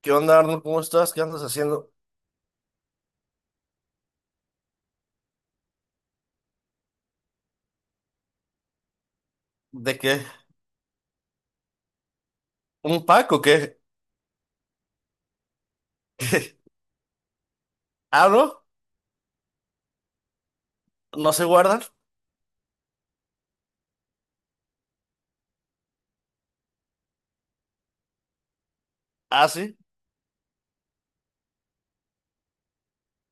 ¿Qué onda, Arnold? ¿Cómo estás? ¿Qué andas haciendo? ¿De qué? ¿Un pack o qué? ¿Ah, no? ¿No se guardan? ¿Ah, sí?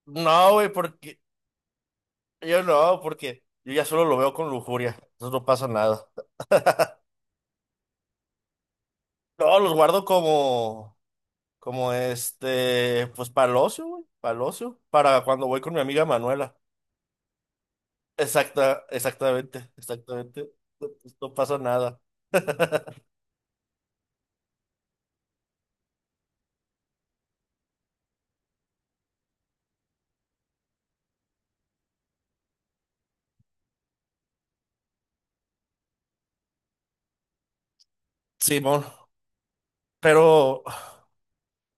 No, güey, porque yo ya solo lo veo con lujuria. Entonces no pasa nada. No, los guardo como, como pues para el ocio, güey, para el ocio, para cuando voy con mi amiga Manuela. Exacta, exactamente, exactamente. No, pues, no pasa nada. Simón, pero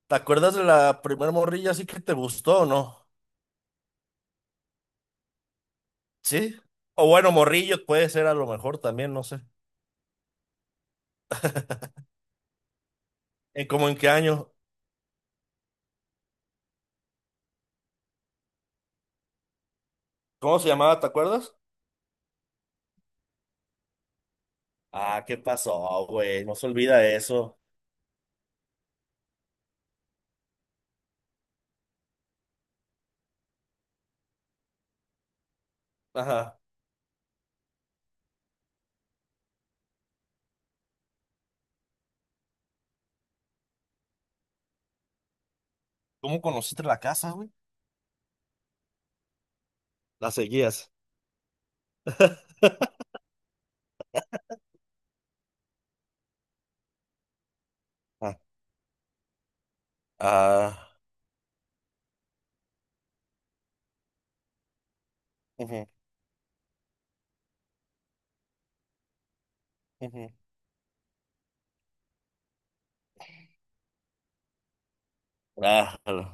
¿te acuerdas de la primer morrilla así que te gustó o no? Sí. O bueno, Morrillos puede ser a lo mejor también, no sé. ¿En cómo en qué año? ¿Cómo se llamaba? ¿Te acuerdas? Ah, ¿qué pasó, güey? No se olvida eso. Ajá. ¿Cómo conociste la casa, güey? La seguías. Ah. Ah. Ujú, ujú. Ah, jalo.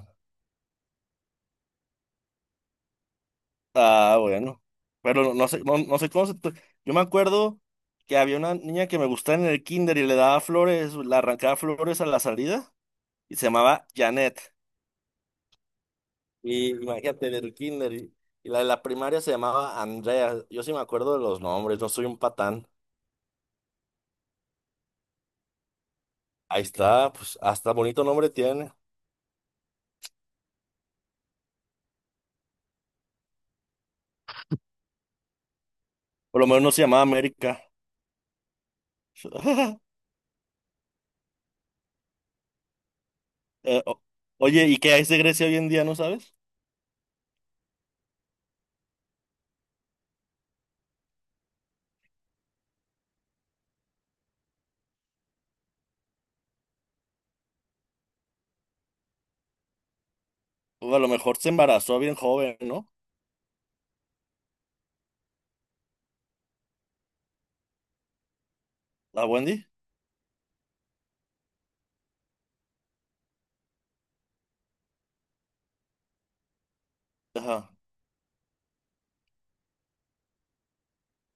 Ah, bueno. Pero no sé cómo se... Yo me acuerdo que había una niña que me gustaba en el kinder y le daba flores, le arrancaba flores a la salida y se llamaba Janet. Y imagínate, del kinder. Y la de la primaria se llamaba Andrea. Yo sí me acuerdo de los nombres, no soy un patán. Ahí está, pues hasta bonito nombre tiene. Por lo menos no se llamaba América. Eh, o- Oye, ¿y qué hay de Grecia hoy en día, no sabes? O a lo mejor se embarazó bien joven, ¿no? La Wendy. Ajá,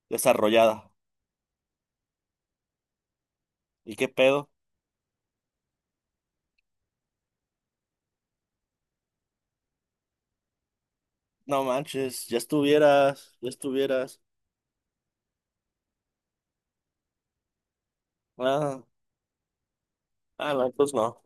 desarrollada. ¿Y qué pedo? No manches, ya estuvieras, ya estuvieras. Ah, ah, no, entonces no.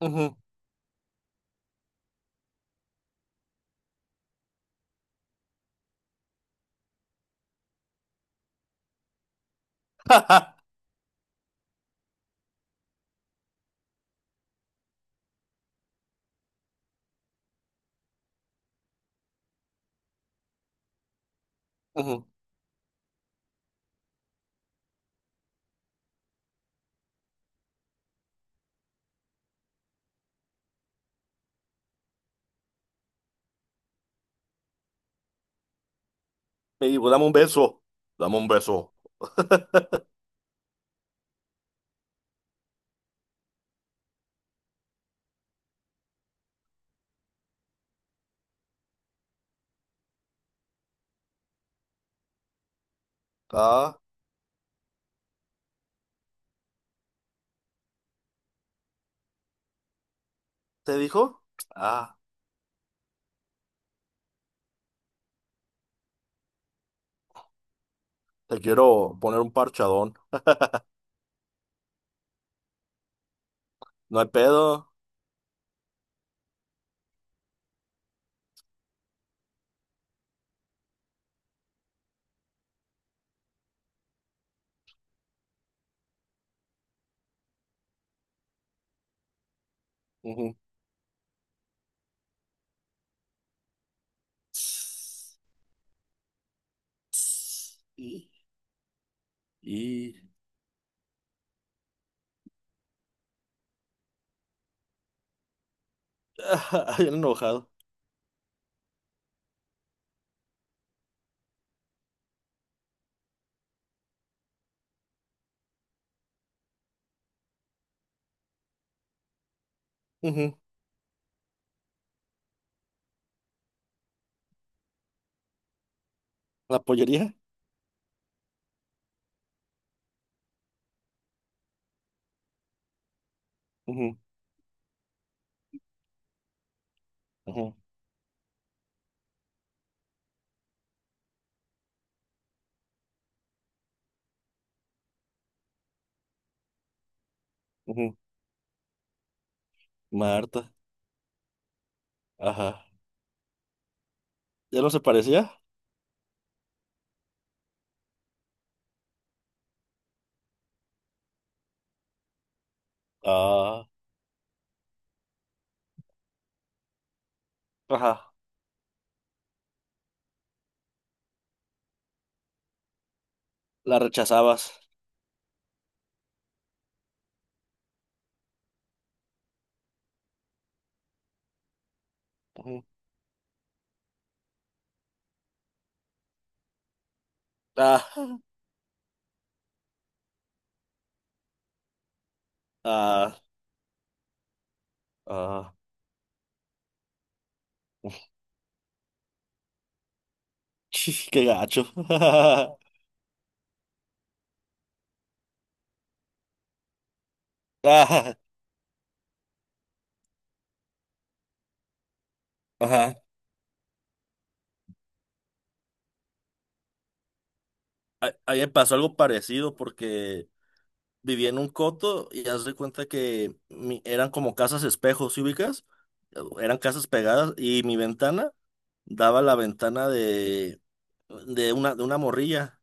Ujú. Ujú. Y, pues, dame un beso. Dame un beso. Ah. ¿Te dijo? Ah, te quiero poner un parchadón. No hay pedo. Ujú. Tss, tss. Y... Bien enojado. Ujú. ¿La pollería? Ujú, ujú, ujú. Marta. Ajá. ¿Ya no se parecía? Ah, ajá. La rechazabas. Ujú. Ah, ah, ah. Qué gacho. Ah, ajá. A Pasó algo parecido porque vivía en un coto y haz de cuenta que eran como casas espejos, ¿sí ubicas? Eran casas pegadas y mi ventana daba la ventana de una morrilla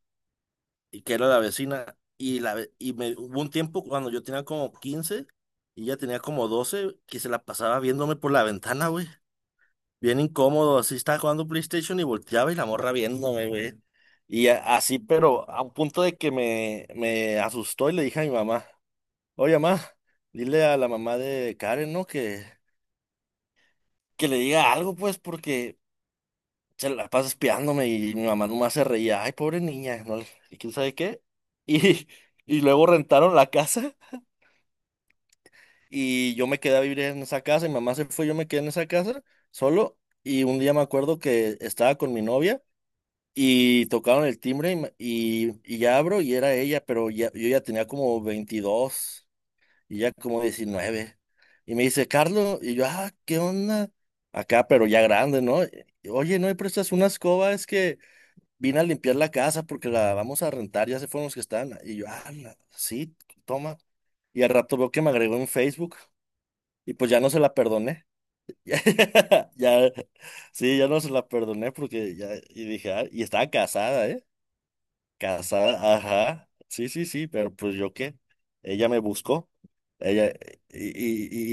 y que era la vecina. Y, la, ve- y me, Hubo un tiempo cuando yo tenía como 15 y ella tenía como 12, que se la pasaba viéndome por la ventana, güey. Bien incómodo, así estaba jugando PlayStation y volteaba y la morra viéndome, güey. Pero a un punto de que me asustó y le dije a mi mamá. Oye, mamá, dile a la mamá de Karen, ¿no? Que le diga algo, pues, porque se la pasa espiándome y mi mamá nomás se reía. Ay, pobre niña, ¿no? ¿Y quién sabe qué? Y, y luego rentaron la casa y yo me quedé a vivir en esa casa. Mi mamá se fue, yo me quedé en esa casa solo. Y un día me acuerdo que estaba con mi novia y tocaron el timbre y ya abro y era ella, pero ya, yo ya tenía como 22. Y ya como 19. Y me dice, Carlos, y yo, ah, ¿qué onda? Acá, pero ya grande, ¿no? Y oye, ¿no me prestas una escoba? Es que vine a limpiar la casa porque la vamos a rentar, ya se fueron los que están. Y yo, ah, sí, toma. Y al rato veo que me agregó en Facebook y pues ya no se la perdoné. Ya, ya, sí, ya no se la perdoné porque ya, y dije, ah, y estaba casada, ¿eh?". Casada, ajá. Sí, sí, sí, pero pues yo qué. Ella me buscó. Ella, y,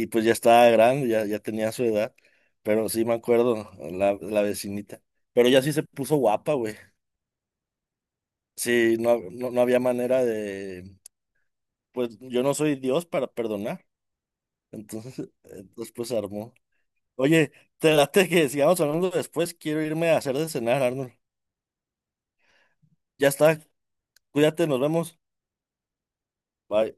pues ya estaba grande, ya, ya tenía su edad. Pero sí me acuerdo, la vecinita. Pero ella sí se puso guapa, güey. Sí, no, no, no había manera de. Pues yo no soy Dios para perdonar. Entonces, entonces pues armó. Oye, te late que sigamos hablando después. Quiero irme a hacer de cenar, Arnold. Ya está. Cuídate, nos vemos. Bye.